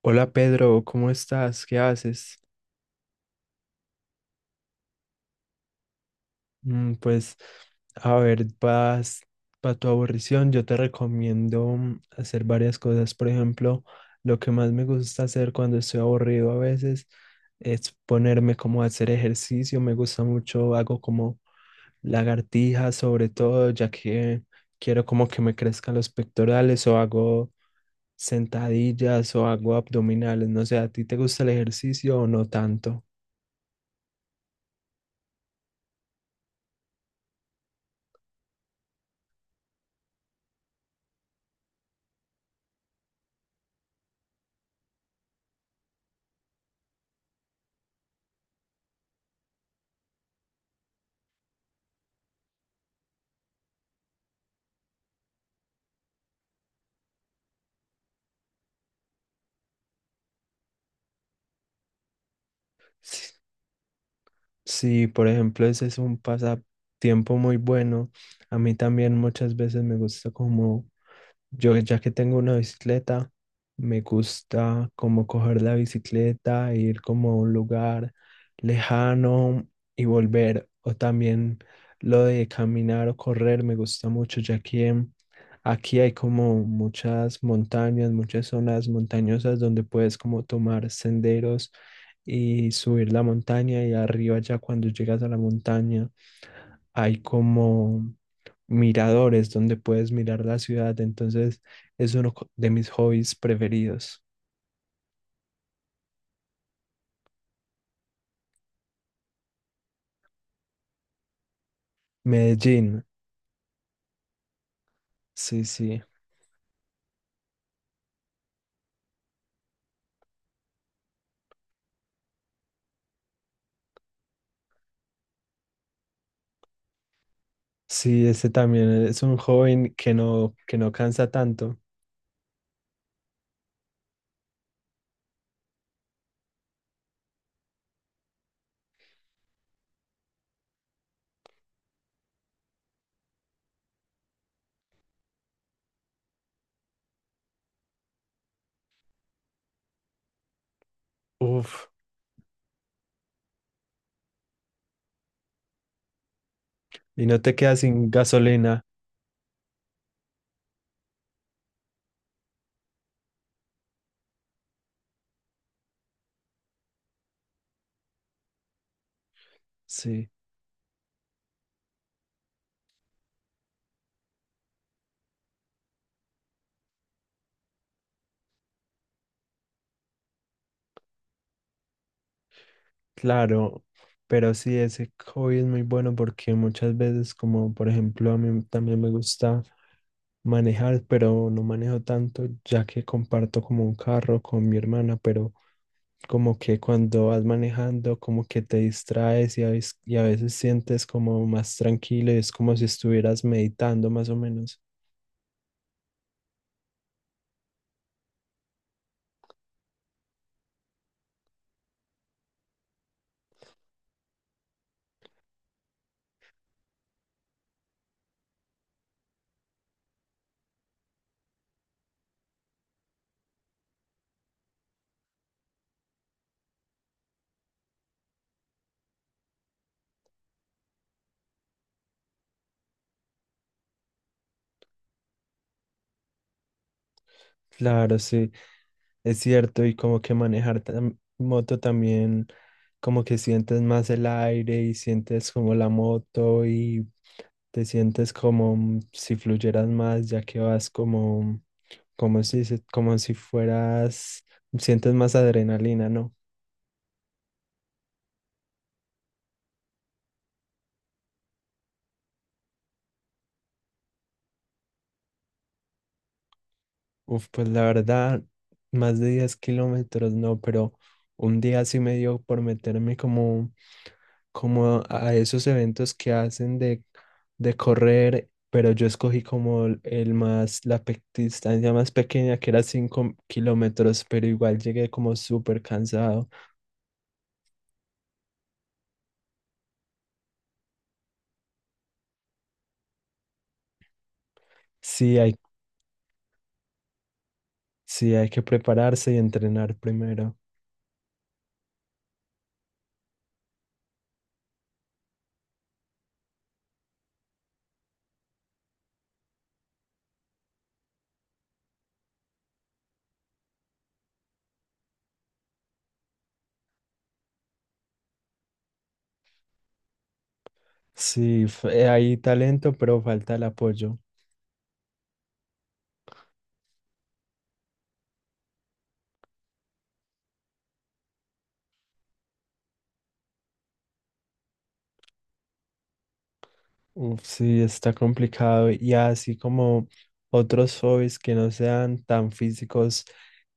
Hola Pedro, ¿cómo estás? ¿Qué haces? Mm, pues, para tu aburrición, yo te recomiendo hacer varias cosas. Por ejemplo, lo que más me gusta hacer cuando estoy aburrido a veces es ponerme como a hacer ejercicio. Me gusta mucho, hago como lagartijas sobre todo, ya que quiero como que me crezcan los pectorales, o hago sentadillas o hago abdominales. No sé, ¿a ti te gusta el ejercicio o no tanto? Sí. Sí, por ejemplo, ese es un pasatiempo muy bueno. A mí también muchas veces me gusta como, yo ya que tengo una bicicleta, me gusta como coger la bicicleta, ir como a un lugar lejano y volver. O también lo de caminar o correr me gusta mucho, ya que aquí hay como muchas montañas, muchas zonas montañosas donde puedes como tomar senderos y subir la montaña, y arriba ya cuando llegas a la montaña hay como miradores donde puedes mirar la ciudad. Entonces es uno de mis hobbies preferidos. Medellín, sí, sí. Sí, ese también es un joven que no cansa tanto. Uf, y no te quedas sin gasolina. Sí. Claro, pero sí, ese hobby es muy bueno porque muchas veces, como por ejemplo, a mí también me gusta manejar, pero no manejo tanto, ya que comparto como un carro con mi hermana, pero como que cuando vas manejando, como que te distraes, y a veces, a veces sientes como más tranquilo y es como si estuvieras meditando más o menos. Claro, sí, es cierto, y como que manejar moto también como que sientes más el aire y sientes como la moto y te sientes como si fluyeras más, ya que vas como, como si fueras, sientes más adrenalina, ¿no? Uf, pues la verdad, más de 10 kilómetros, no, pero un día sí me dio por meterme como, como a esos eventos que hacen de correr, pero yo escogí como el más, la distancia más pequeña, que era 5 kilómetros, pero igual llegué como súper cansado. Sí, hay Sí, hay que prepararse y entrenar primero. Sí, hay talento, pero falta el apoyo. Uf, sí, está complicado. Y así como otros hobbies que no sean tan físicos,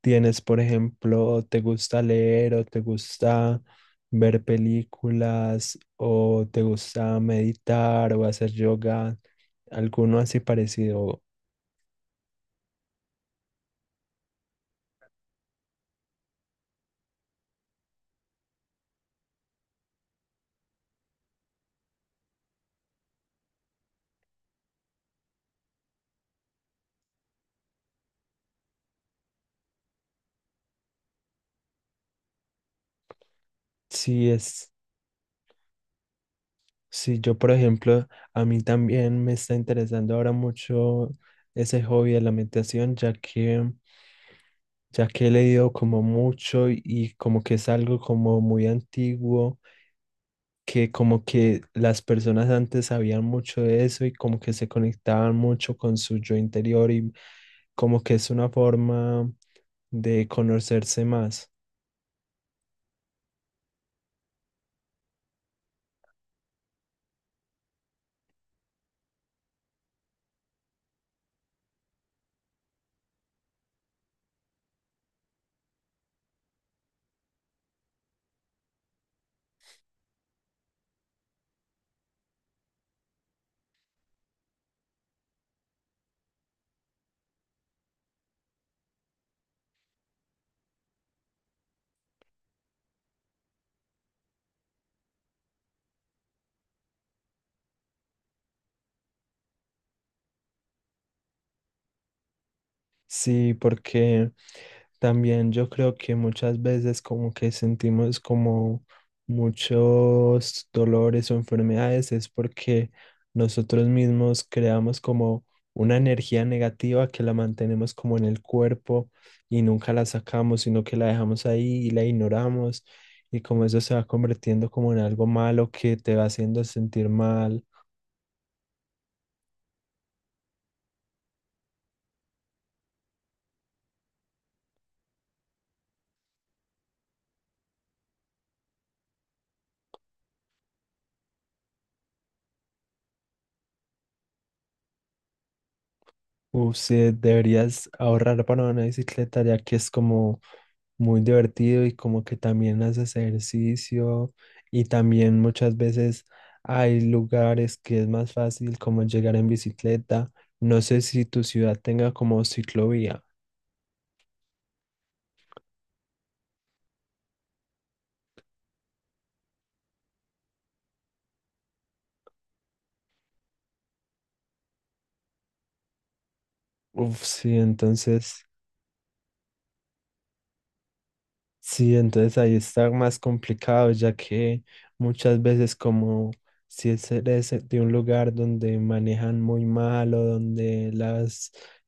tienes, por ejemplo, ¿te gusta leer, o te gusta ver películas, o te gusta meditar o hacer yoga, alguno así parecido? Sí, es. Sí, yo por ejemplo, a mí también me está interesando ahora mucho ese hobby de la meditación, ya que he leído como mucho, y como que es algo como muy antiguo, que como que las personas antes sabían mucho de eso y como que se conectaban mucho con su yo interior, y como que es una forma de conocerse más. Sí, porque también yo creo que muchas veces como que sentimos como muchos dolores o enfermedades es porque nosotros mismos creamos como una energía negativa que la mantenemos como en el cuerpo y nunca la sacamos, sino que la dejamos ahí y la ignoramos, y como eso se va convirtiendo como en algo malo que te va haciendo sentir mal. Uf, sí, deberías ahorrar para una bicicleta ya que es como muy divertido y como que también haces ejercicio, y también muchas veces hay lugares que es más fácil como llegar en bicicleta. No sé si tu ciudad tenga como ciclovía. Uf, sí, entonces sí, entonces ahí está más complicado, ya que muchas veces como si es eres de un lugar donde manejan muy mal o donde la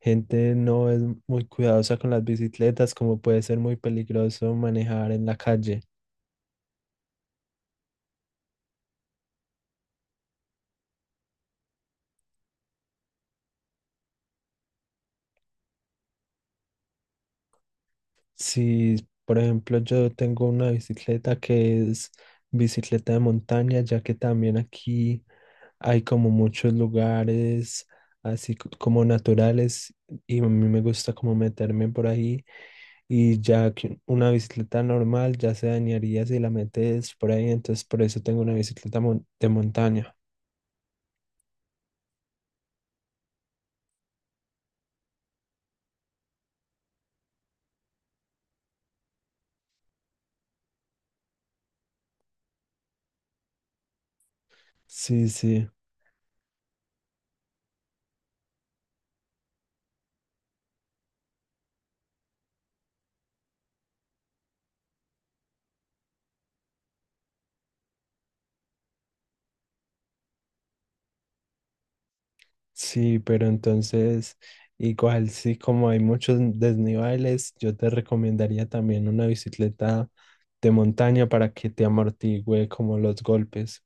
gente no es muy cuidadosa con las bicicletas, como puede ser muy peligroso manejar en la calle. Si, por ejemplo, yo tengo una bicicleta que es bicicleta de montaña, ya que también aquí hay como muchos lugares así como naturales, y a mí me gusta como meterme por ahí, y ya que una bicicleta normal ya se dañaría si la metes por ahí, entonces por eso tengo una bicicleta de montaña. Sí, sí, sí, pero entonces igual sí, como hay muchos desniveles, yo te recomendaría también una bicicleta de montaña para que te amortigüe como los golpes.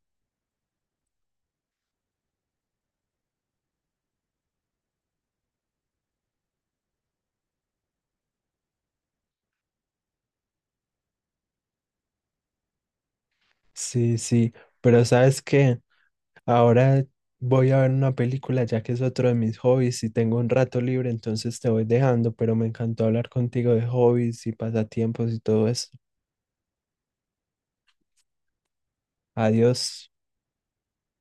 Sí, sí, pero ¿sabes qué? Ahora voy a ver una película ya que es otro de mis hobbies y tengo un rato libre, entonces te voy dejando, pero me encantó hablar contigo de hobbies y pasatiempos y todo eso. Adiós.